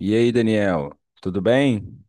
E aí, Daniel, tudo bem?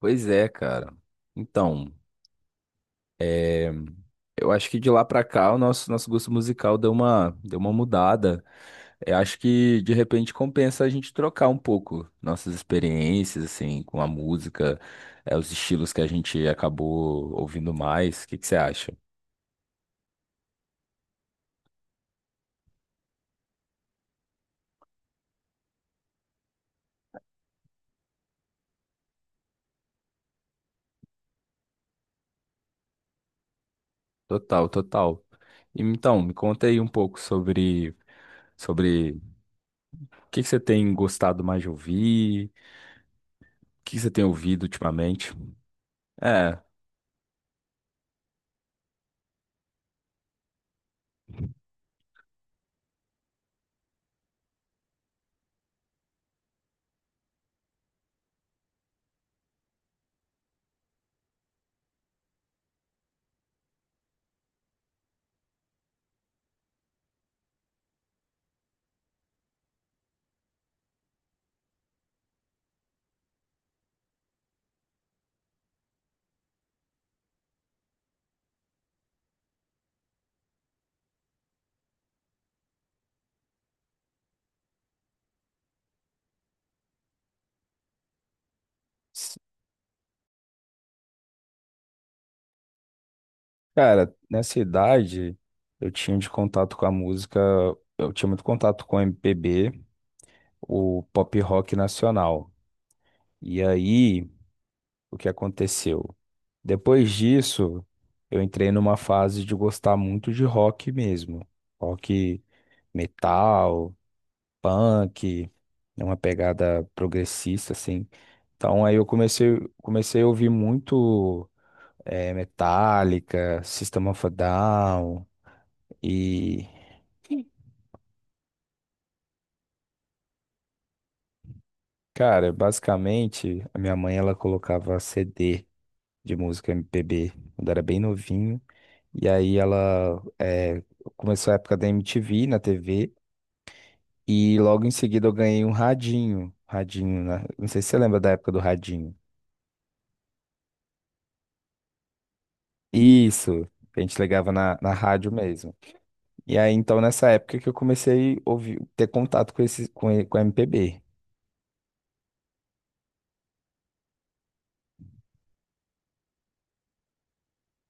Pois é, cara. Então, é, eu acho que de lá pra cá o nosso gosto musical deu uma mudada. Eu acho que de repente compensa a gente trocar um pouco nossas experiências, assim, com a música, os estilos que a gente acabou ouvindo mais. O que que você acha? Total, total. Então, me conta aí um pouco sobre o que que você tem gostado mais de ouvir, o que que você tem ouvido ultimamente. É, S- Cara, nessa idade eu tinha de contato com a música, eu tinha muito contato com o MPB, o pop rock nacional. E aí, o que aconteceu? Depois disso, eu entrei numa fase de gostar muito de rock mesmo. Rock metal, punk, é uma pegada progressista assim. Então aí eu comecei a ouvir muito Metallica, System of a Down. E, cara, basicamente, a minha mãe ela colocava CD de música MPB quando era bem novinho. E aí ela começou a época da MTV na TV. E logo em seguida eu ganhei um radinho. Radinho, né? Não sei se você lembra da época do radinho. Isso, que a gente ligava na rádio mesmo. E aí, então, nessa época que eu comecei a ouvir, ter contato com com MPB.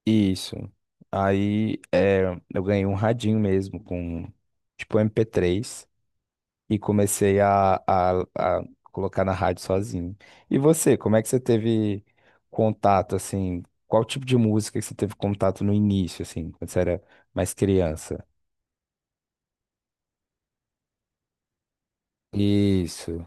Isso. Aí é, eu ganhei um radinho mesmo com tipo MP3 e comecei a colocar na rádio sozinho. E você, como é que você teve contato assim? Qual tipo de música que você teve contato no início, assim, quando você era mais criança? Isso.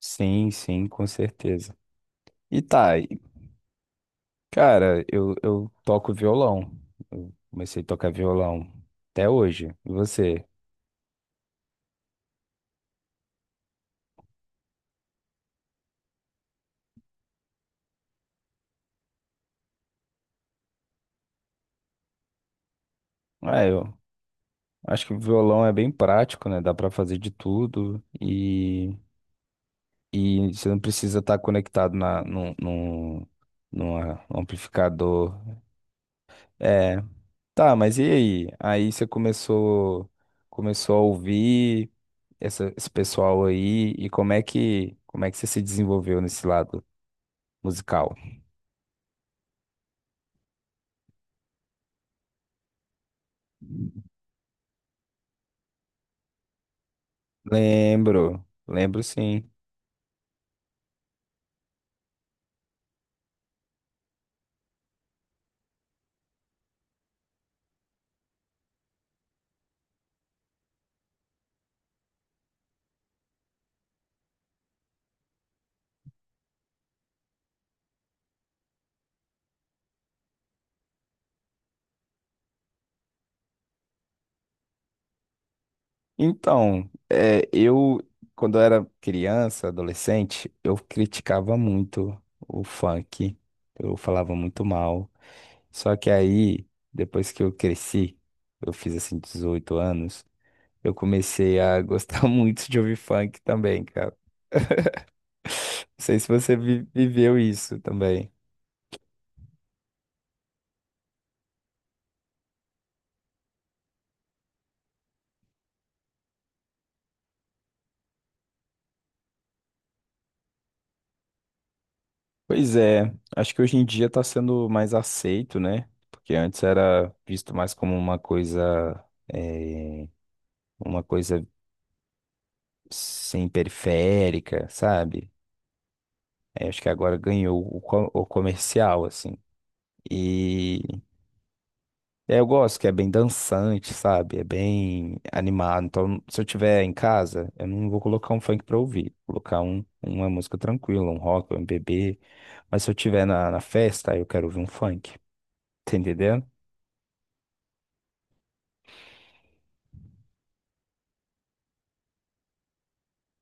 Sim, sim, com certeza. E tá, e, cara, eu toco violão. Eu comecei a tocar violão até hoje. E você? Ah eu Acho que o violão é bem prático, né? Dá pra fazer de tudo e você não precisa estar conectado na, num, num, numa- num amplificador. É, tá, mas e aí? Aí você começou a ouvir esse pessoal aí e como é como é que você se desenvolveu nesse lado musical? Lembro, lembro sim. Então, quando eu era criança, adolescente, eu criticava muito o funk, eu falava muito mal. Só que aí, depois que eu cresci, eu fiz assim 18 anos, eu comecei a gostar muito de ouvir funk também, cara. Não sei se você viveu isso também. Pois é, acho que hoje em dia tá sendo mais aceito, né? Porque antes era visto mais como uma coisa. eh, uma coisa sem periférica, sabe? Aí acho que agora ganhou o comercial, assim. E eu gosto que é bem dançante, sabe? É bem animado. Então, se eu tiver em casa, eu não vou colocar um funk pra ouvir. Vou colocar uma música tranquila, um rock, um MPB. Mas se eu tiver na festa, aí eu quero ouvir um funk. Tá entendendo?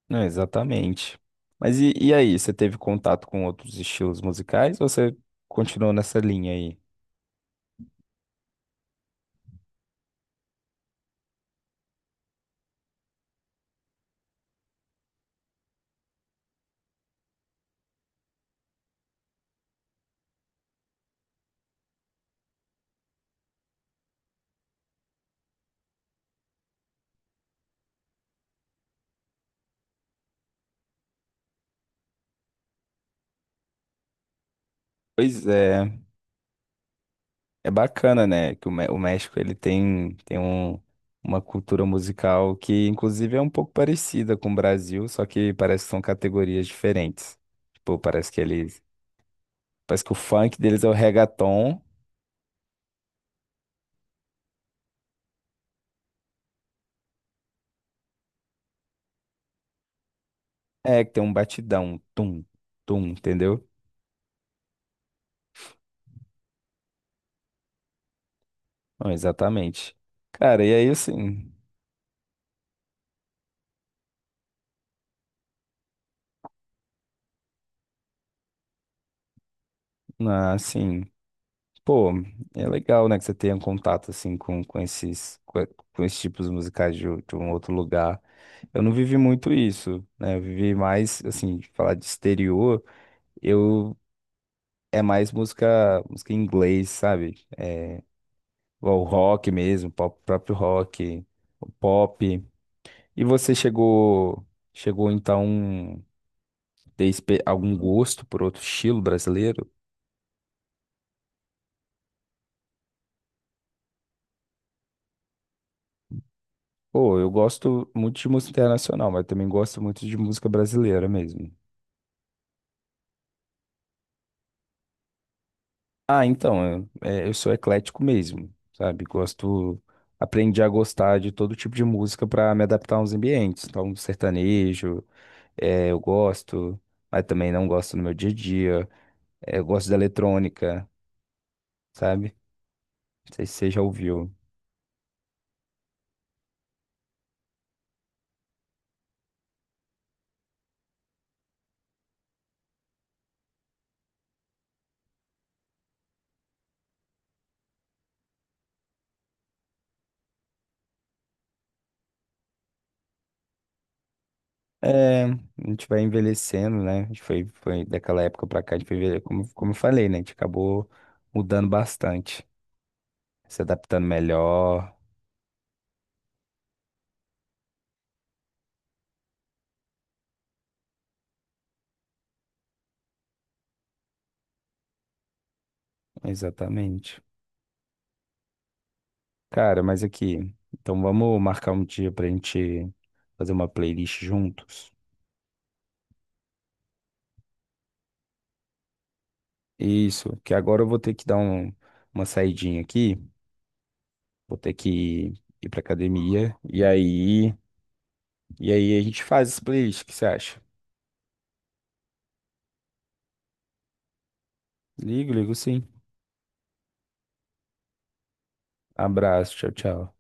Não, exatamente. Mas e aí, você teve contato com outros estilos musicais ou você continuou nessa linha aí? Pois é. É bacana, né? Que o México ele tem um, uma cultura musical que, inclusive, é um pouco parecida com o Brasil, só que parece que são categorias diferentes. Tipo, parece que eles. Parece que o funk deles é o reggaeton, é, que tem um batidão, um tum, tum, entendeu? Não, exatamente. Cara, e aí, assim, na- assim, Pô, é legal, né, que você tenha contato, assim, com esses tipos musicais de um outro lugar. Eu não vivi muito isso, né? Eu vivi mais, assim, de falar de exterior, eu é mais música em inglês, sabe? É, o rock mesmo, o próprio rock, o pop. E você chegou então ter algum gosto por outro estilo brasileiro? Pô, eu gosto muito de música internacional, mas também gosto muito de música brasileira mesmo. Ah, então, é, eu sou eclético mesmo, sabe? Gosto, aprendi a gostar de todo tipo de música pra me adaptar aos ambientes. Então, sertanejo, eu gosto, mas também não gosto no meu dia a dia. Eu gosto da eletrônica, sabe? Não sei se você já ouviu. É, a gente vai envelhecendo, né? A gente foi daquela época pra cá, a gente foi, como eu falei, né? A gente acabou mudando bastante, se adaptando melhor. Exatamente. Cara, mas aqui, então vamos marcar um dia pra gente fazer uma playlist juntos. Isso, que agora eu vou ter que dar uma saidinha aqui, vou ter que ir pra academia, e aí a gente faz essa playlist, o que você acha? Ligo, ligo sim. Abraço, tchau, tchau.